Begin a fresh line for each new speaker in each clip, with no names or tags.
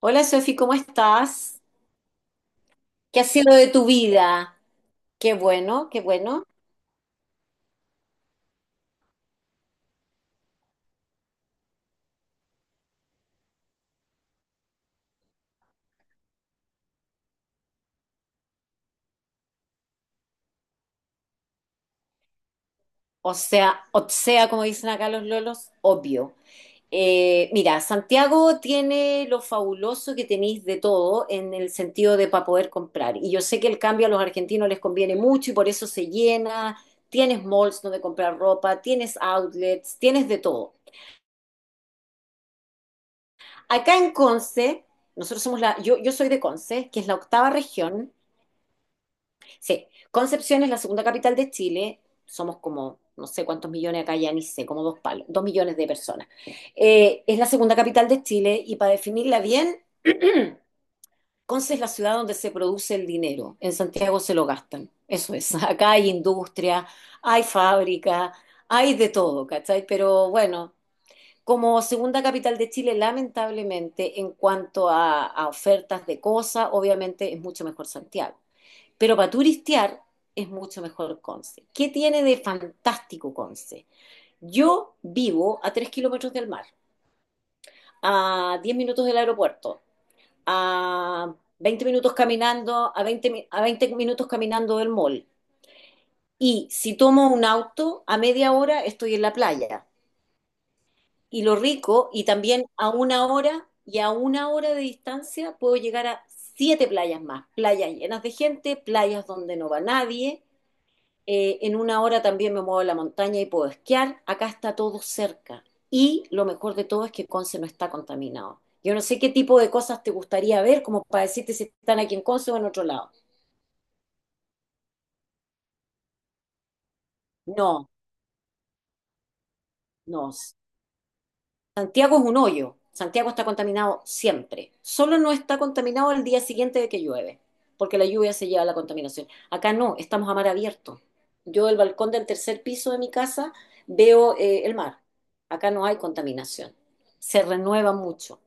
Hola Sofi, ¿cómo estás? ¿Qué ha sido de tu vida? Qué bueno, qué bueno. O sea, como dicen acá los lolos, obvio. Mira, Santiago tiene lo fabuloso que tenéis de todo en el sentido de para poder comprar. Y yo sé que el cambio a los argentinos les conviene mucho y por eso se llena. Tienes malls donde comprar ropa, tienes outlets, tienes de todo. Acá en Conce, nosotros somos la, yo soy de Conce, que es la octava región. Sí, Concepción es la segunda capital de Chile. Somos como, no sé cuántos millones acá, ya ni sé, como 2 palos, 2 millones de personas. Es la segunda capital de Chile y para definirla bien, Conce es la ciudad donde se produce el dinero. En Santiago se lo gastan. Eso es. Acá hay industria, hay fábrica, hay de todo, ¿cachai? Pero bueno, como segunda capital de Chile, lamentablemente, en cuanto a ofertas de cosas, obviamente es mucho mejor Santiago. Pero para turistear es mucho mejor Conce. ¿Qué tiene de fantástico Conce? Yo vivo a 3 kilómetros del mar, a 10 minutos del aeropuerto, a 20 minutos caminando, a veinte minutos caminando del mall. Y si tomo un auto, a media hora estoy en la playa. Y lo rico, y también a una hora de distancia puedo llegar a siete playas más. Playas llenas de gente, playas donde no va nadie, en una hora también me muevo a la montaña y puedo esquiar, acá está todo cerca. Y lo mejor de todo es que Conce no está contaminado. Yo no sé qué tipo de cosas te gustaría ver, como para decirte si están aquí en Conce o en otro lado. No, no, Santiago es un hoyo. Santiago está contaminado siempre. Solo no está contaminado el día siguiente de que llueve, porque la lluvia se lleva a la contaminación. Acá no, estamos a mar abierto. Yo del balcón del tercer piso de mi casa veo el mar. Acá no hay contaminación. Se renueva mucho.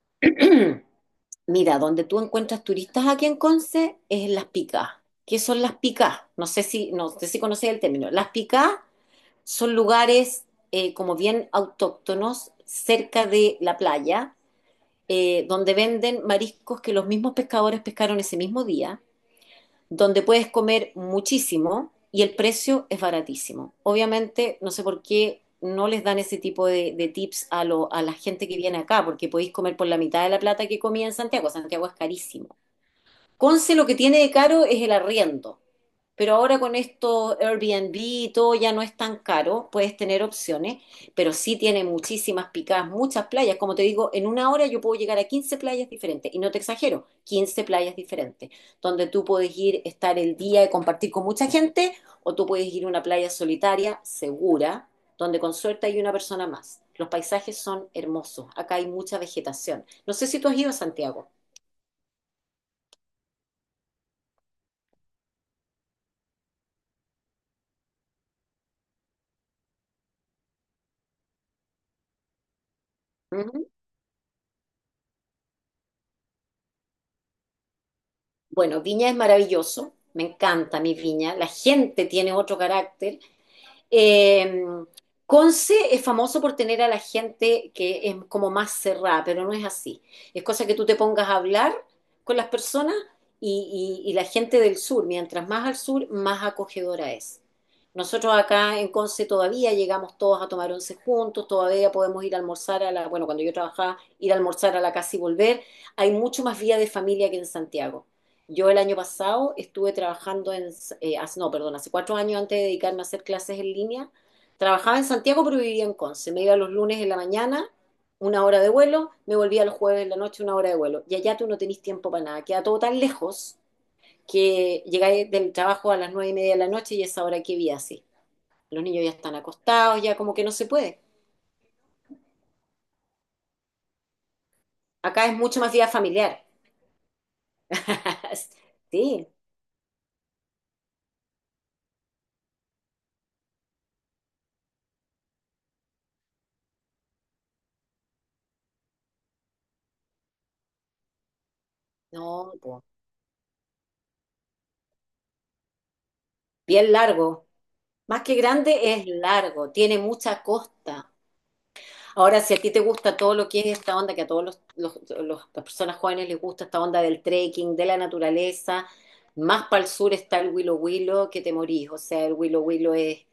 Mira, donde tú encuentras turistas aquí en Conce es en las picas. ¿Qué son las picas? No sé si conocéis el término. Las picas son lugares, como bien autóctonos, cerca de la playa, donde venden mariscos que los mismos pescadores pescaron ese mismo día, donde puedes comer muchísimo y el precio es baratísimo. Obviamente, no sé por qué no les dan ese tipo de tips a la gente que viene acá, porque podéis comer por la mitad de la plata que comía en Santiago. Santiago es carísimo. Conce lo que tiene de caro es el arriendo. Pero ahora con esto Airbnb y todo ya no es tan caro, puedes tener opciones, pero sí tiene muchísimas picadas, muchas playas. Como te digo, en una hora yo puedo llegar a 15 playas diferentes, y no te exagero, 15 playas diferentes, donde tú puedes ir, estar el día y compartir con mucha gente, o tú puedes ir a una playa solitaria, segura, donde con suerte hay una persona más. Los paisajes son hermosos, acá hay mucha vegetación. No sé si tú has ido a Santiago. Bueno, Viña es maravilloso, me encanta mi Viña, la gente tiene otro carácter. Eh, Conce es famoso por tener a la gente que es como más cerrada, pero no es así. Es cosa que tú te pongas a hablar con las personas y, y la gente del sur, mientras más al sur, más acogedora es. Nosotros acá en Conce todavía llegamos todos a tomar once juntos, todavía podemos ir a almorzar a la, bueno, cuando yo trabajaba, ir a almorzar a la casa y volver. Hay mucho más vida de familia que en Santiago. Yo el año pasado estuve trabajando en, no, perdón, hace 4 años antes de dedicarme a hacer clases en línea, trabajaba en Santiago pero vivía en Conce. Me iba los lunes en la mañana, una hora de vuelo, me volvía los jueves en la noche, una hora de vuelo. Y allá tú no tenés tiempo para nada, queda todo tan lejos que llegáis del trabajo a las 9:30 de la noche y es ahora que vi así. Los niños ya están acostados, ya como que no se puede. Acá es mucho más vida familiar. Sí, no, po. Bien largo. Más que grande es largo, tiene mucha costa. Ahora, si a ti te gusta todo lo que es esta onda, que a todos las personas jóvenes les gusta esta onda del trekking, de la naturaleza, más para el sur está el Willow Willow, que te morís. O sea, el Willow Willow es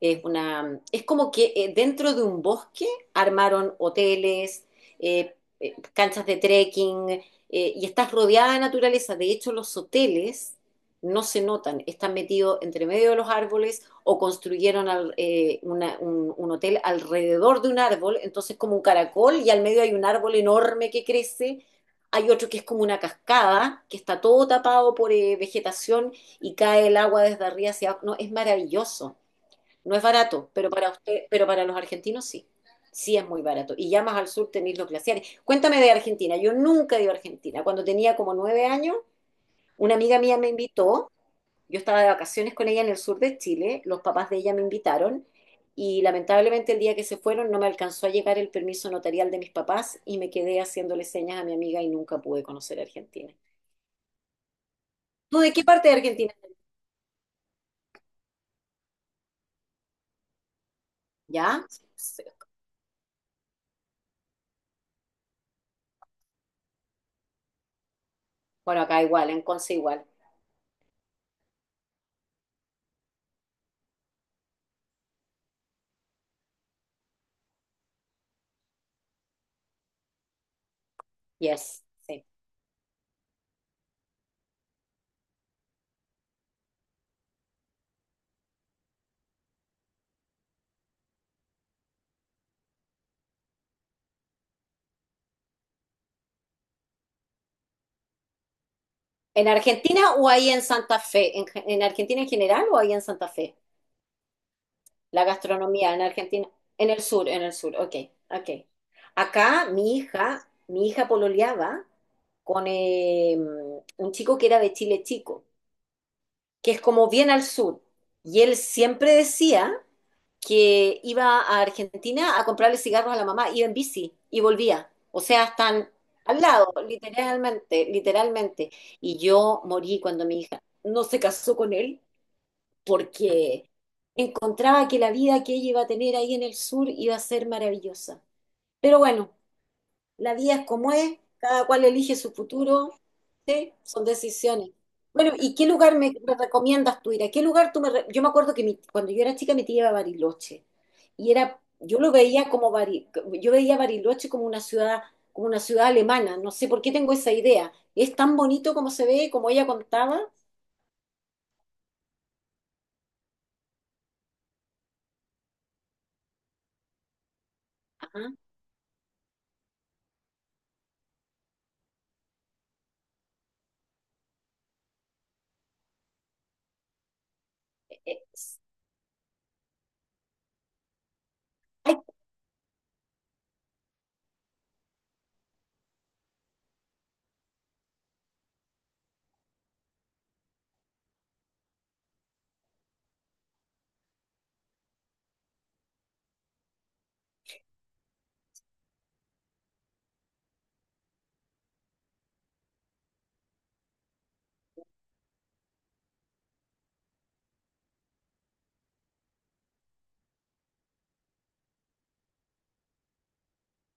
es, una, es como que dentro de un bosque armaron hoteles, eh, canchas de trekking, y estás rodeada de naturaleza. De hecho, los hoteles no se notan, están metidos entre medio de los árboles o construyeron un hotel alrededor de un árbol, entonces como un caracol y al medio hay un árbol enorme que crece, hay otro que es como una cascada, que está todo tapado por vegetación y cae el agua desde arriba hacia abajo. No, es maravilloso. No es barato, pero para usted, pero para los argentinos sí. Sí es muy barato. Y ya más al sur tenéis los glaciares. Cuéntame de Argentina. Yo nunca he ido a Argentina. Cuando tenía como 9 años, una amiga mía me invitó. Yo estaba de vacaciones con ella en el sur de Chile. Los papás de ella me invitaron. Y lamentablemente el día que se fueron no me alcanzó a llegar el permiso notarial de mis papás y me quedé haciéndole señas a mi amiga y nunca pude conocer Argentina. ¿Tú de qué parte de Argentina? ¿Ya? Bueno, acá igual, en Conce igual. Yes. Sí. ¿En Argentina o ahí en Santa Fe? ¿En Argentina en general o ahí en Santa Fe? La gastronomía en Argentina. En el sur, en el sur. Ok, ok. Acá mi hija pololeaba con un chico que era de Chile Chico, que es como bien al sur. Y él siempre decía que iba a Argentina a comprarle cigarros a la mamá, iba en bici y volvía. O sea, están al lado, literalmente, literalmente. Y yo morí cuando mi hija no se casó con él porque encontraba que la vida que ella iba a tener ahí en el sur iba a ser maravillosa. Pero bueno. La vida es como es, cada cual elige su futuro, ¿sí? Son decisiones. Bueno, ¿y qué lugar me recomiendas tú ir? ¿A qué lugar tú me...? Yo me acuerdo que cuando yo era chica mi tía iba a Bariloche y era, yo lo veía como yo veía Bariloche como una ciudad alemana. No sé por qué tengo esa idea. ¿Es tan bonito como se ve, como ella contaba? Ajá. Eh, eh, Hay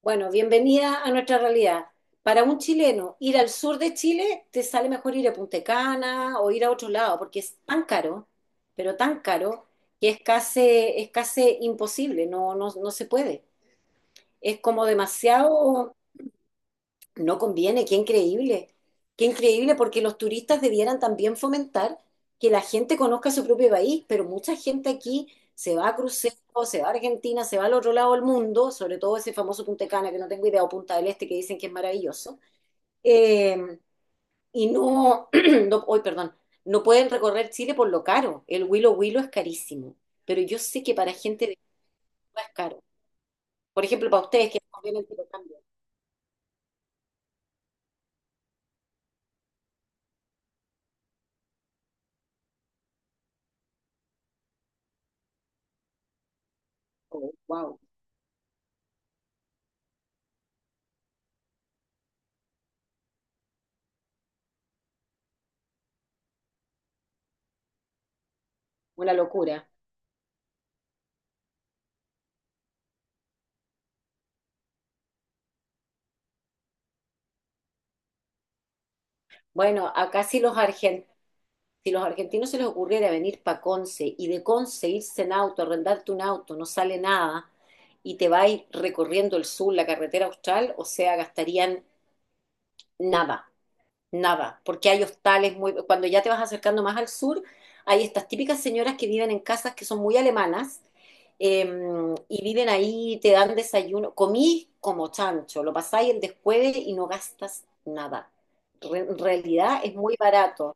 Bueno, bienvenida a nuestra realidad. Para un chileno, ir al sur de Chile te sale mejor ir a Punta Cana o ir a otro lado, porque es tan caro, pero tan caro, que es casi imposible, no, no, no se puede. Es como demasiado, no conviene, qué increíble. Qué increíble porque los turistas debieran también fomentar que la gente conozca su propio país, pero mucha gente aquí se va a crucero, se va a Argentina, se va al otro lado del mundo, sobre todo ese famoso Punta Cana que no tengo idea, o Punta del Este que dicen que es maravilloso, eh, y no, no, hoy, perdón, no pueden recorrer Chile por lo caro. El Huilo Huilo es carísimo, pero yo sé que para gente de Cuba es caro. Por ejemplo, para ustedes que les conviene el tipo de cambio. Oh, wow, una locura. Bueno, acá si los argentinos se les ocurriera venir para Conce y de Conce irse en auto, arrendarte un auto, no sale nada, y te va a ir recorriendo el sur, la carretera austral, o sea, gastarían nada, nada, porque hay hostales muy... Cuando ya te vas acercando más al sur, hay estas típicas señoras que viven en casas que son muy alemanas, eh, y viven ahí, te dan desayuno, comís como chancho, lo pasáis el descueve y no gastas nada. En realidad es muy barato.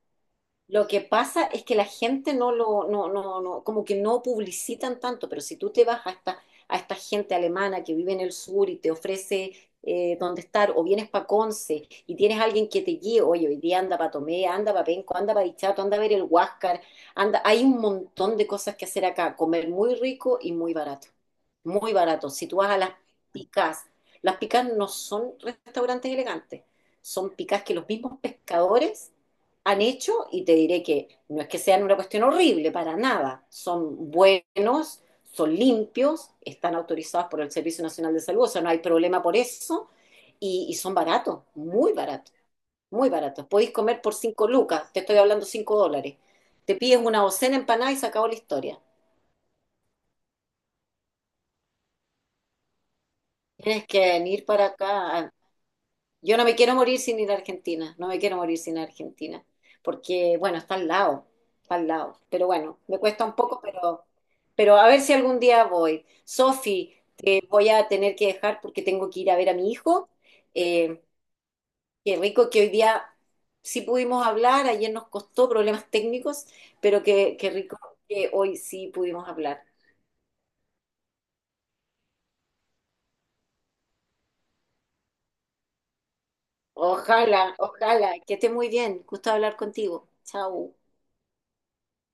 Lo que pasa es que la gente no lo, no, no, no, como que no publicitan tanto, pero si tú te vas a esta gente alemana que vive en el sur y te ofrece dónde estar, o vienes para Conce y tienes alguien que te guíe, oye, hoy día anda para Tomé, anda para Penco, anda para Dichato, anda a ver el Huáscar, anda, hay un montón de cosas que hacer acá, comer muy rico y muy barato, muy barato. Si tú vas a picás, las picás no son restaurantes elegantes, son picás que los mismos pescadores han hecho y te diré que no es que sean una cuestión horrible, para nada. Son buenos, son limpios, están autorizados por el Servicio Nacional de Salud, o sea, no hay problema por eso. Y son baratos, muy baratos, muy baratos. Podéis comer por 5 lucas, te estoy hablando $5. Te pides una docena empanada y se acabó la historia. Tienes que venir para acá a Yo no me quiero morir sin ir a Argentina, no me quiero morir sin Argentina, porque bueno, está al lado, pero bueno, me cuesta un poco, pero a ver si algún día voy. Sofi, te voy a tener que dejar porque tengo que ir a ver a mi hijo. Eh, qué rico que hoy día sí pudimos hablar, ayer nos costó problemas técnicos, pero qué rico que hoy sí pudimos hablar. Ojalá, ojalá, que esté muy bien, gusto hablar contigo. Chao.